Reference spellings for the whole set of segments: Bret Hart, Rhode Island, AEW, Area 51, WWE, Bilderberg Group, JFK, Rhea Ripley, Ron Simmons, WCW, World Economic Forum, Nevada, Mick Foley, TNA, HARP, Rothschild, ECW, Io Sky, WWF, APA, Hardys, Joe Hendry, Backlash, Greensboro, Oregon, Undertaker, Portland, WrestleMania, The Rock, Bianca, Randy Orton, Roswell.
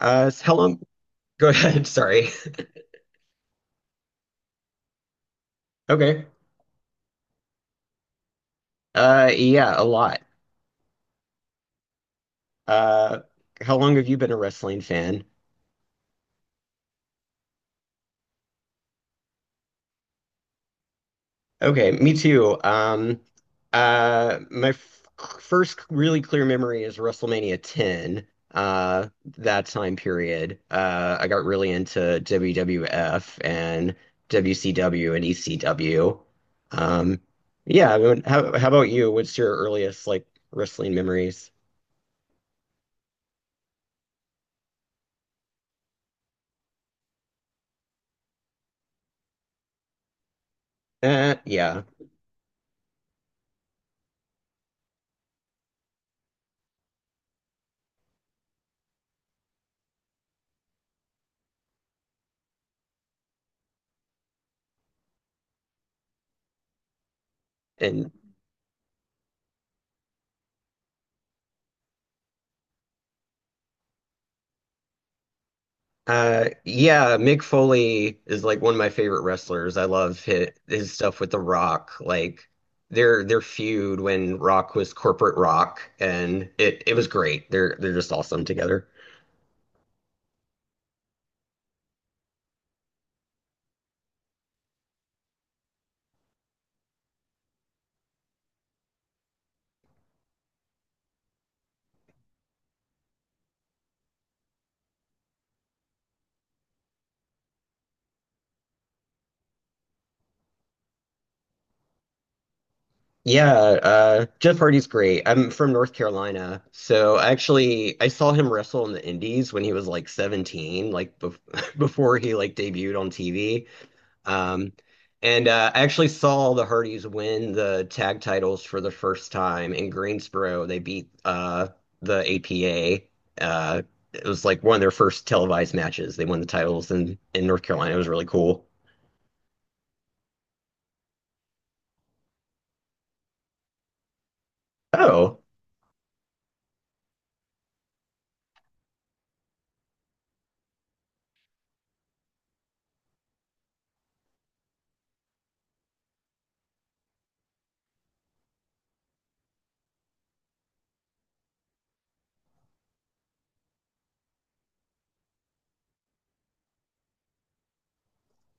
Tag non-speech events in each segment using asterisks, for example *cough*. How long? Go ahead. *laughs* Sorry. Okay. Yeah, a lot. Uh, how long have you been a wrestling fan? Okay, me too. My f first really clear memory is WrestleMania 10. That time period. I got really into WWF and WCW and ECW. Um, yeah. I mean, how about you? What's your earliest like wrestling memories? Uh, yeah. And yeah, Mick Foley is like one of my favorite wrestlers. I love his stuff with The Rock. Like their feud when Rock was corporate rock, and it was great. They're just awesome together. Yeah, Jeff Hardy's great. I'm from North Carolina, so actually I saw him wrestle in the Indies when he was like 17, like bef *laughs* before he like debuted on TV. Um, and I actually saw the Hardys win the tag titles for the first time in Greensboro. They beat the APA. Uh, it was like one of their first televised matches. They won the titles in North Carolina. It was really cool. Oh,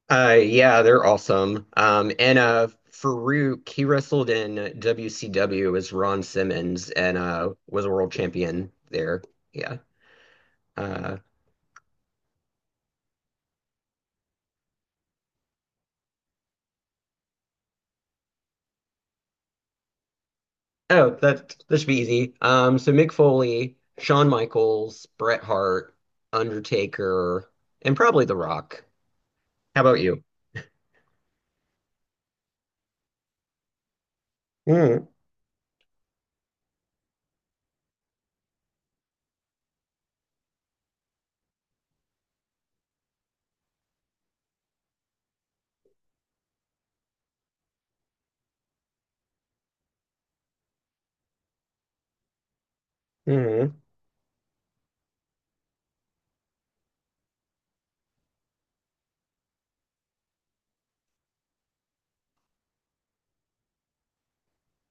yeah, they're awesome. And Farouk, he wrestled in WCW as Ron Simmons and was a world champion there. Yeah. Uh, Oh, that that should be easy. So Mick Foley, Shawn Michaels, Bret Hart, Undertaker, and probably The Rock. How about you? Mm, mm.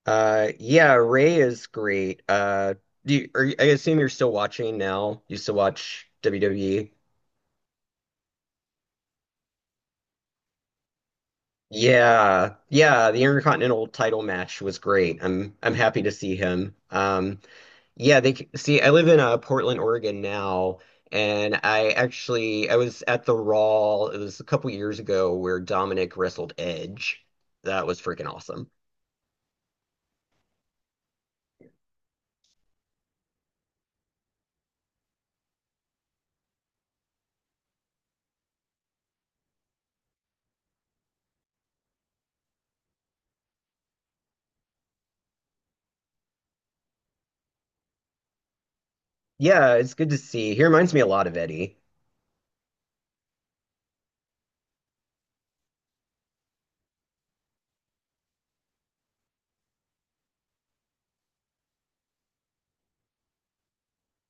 Yeah, Ray is great. Do you, are, you- I assume you're still watching now. You still watch WWE? Yeah, yeah. The Intercontinental title match was great. I'm happy to see him. See. I live in Portland, Oregon now, and I was at the Raw. It was a couple years ago where Dominic wrestled Edge. That was freaking awesome. Yeah, it's good to see. He reminds me a lot of Eddie.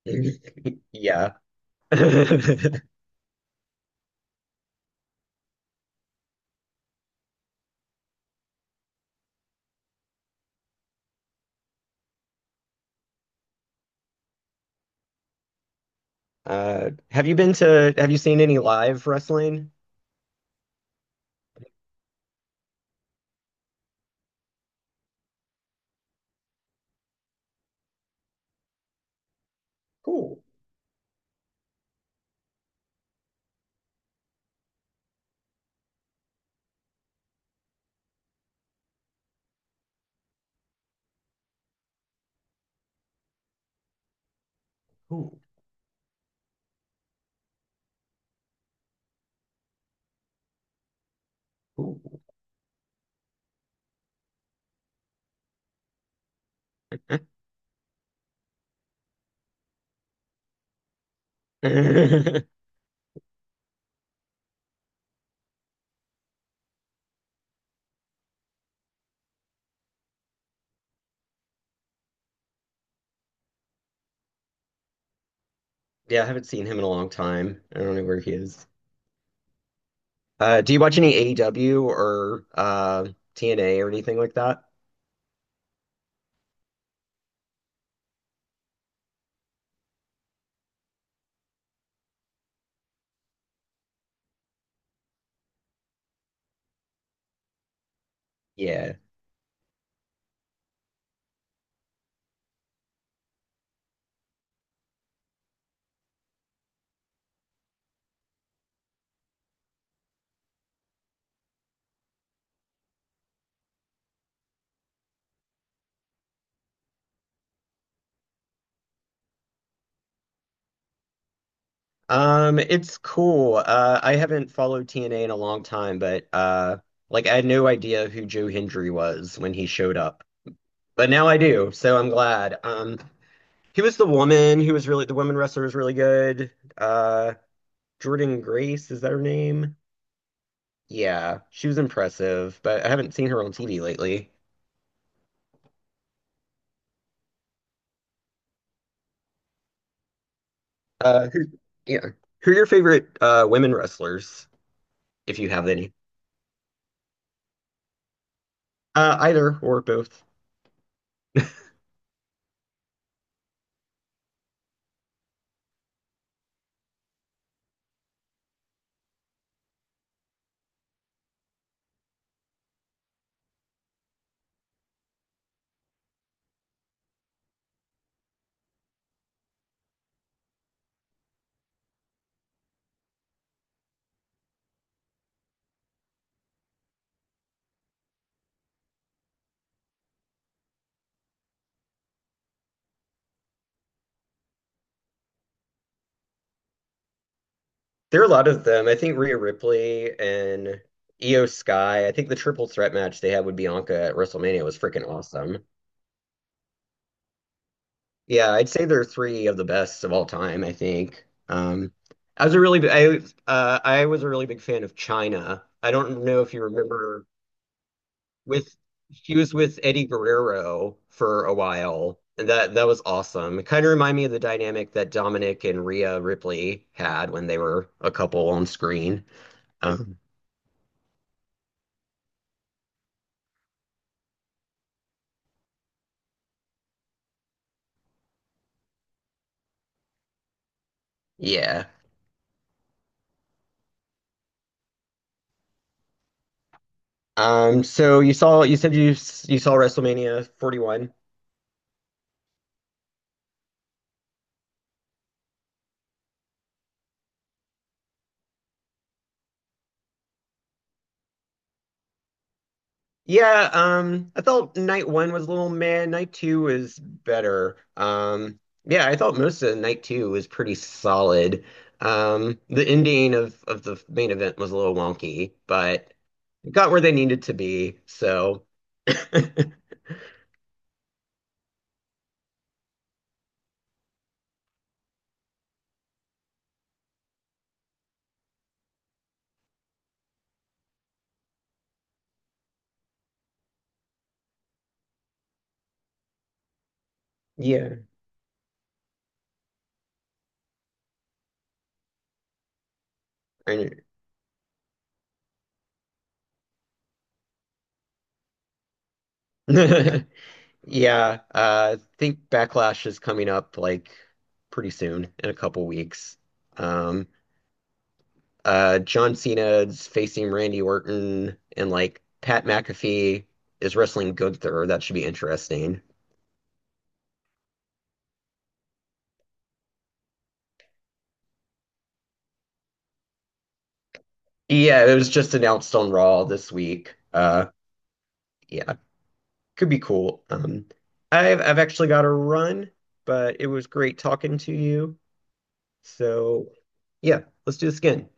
*laughs* Yeah. *laughs* Have you been to? Have you seen any live wrestling? Cool. Cool. Cool. *laughs* Yeah, I haven't seen him in a long time. I don't know where he is. Do you watch any AEW or TNA or anything like that? Yeah. It's cool. I haven't followed TNA in a long time, but like I had no idea who Joe Hendry was when he showed up. But now I do, so I'm glad. He was the woman who was really the woman wrestler was really good. Uh, Jordan Grace, is that her name? Yeah, she was impressive, but I haven't seen her on TV lately. Uh, who, yeah. Who are your favorite women wrestlers, if you have any? Either or both. There are a lot of them. I think Rhea Ripley and Io Sky. I think the triple threat match they had with Bianca at WrestleMania was freaking awesome. Yeah, I'd say they're three of the best of all time, I think. I was a really b- I I was a really big fan of China. I don't know if you remember with she was with Eddie Guerrero for a while, and that was awesome. It kind of reminded me of the dynamic that Dominic and Rhea Ripley had when they were a couple on screen. Um, yeah. So you said you saw WrestleMania 41. Yeah, I thought night one was a little meh. Night two was better. Yeah, I thought most of night two was pretty solid. The ending of the main event was a little wonky, but it got where they needed to be. So *laughs* yeah, I knew- *laughs* yeah. I think Backlash is coming up like pretty soon in a couple weeks. Um, John Cena's facing Randy Orton and like Pat McAfee is wrestling Gunther. That should be interesting. Yeah, it was just announced on Raw this week. Yeah, could be cool. I've actually got to run, but it was great talking to you. So yeah, let's do this again.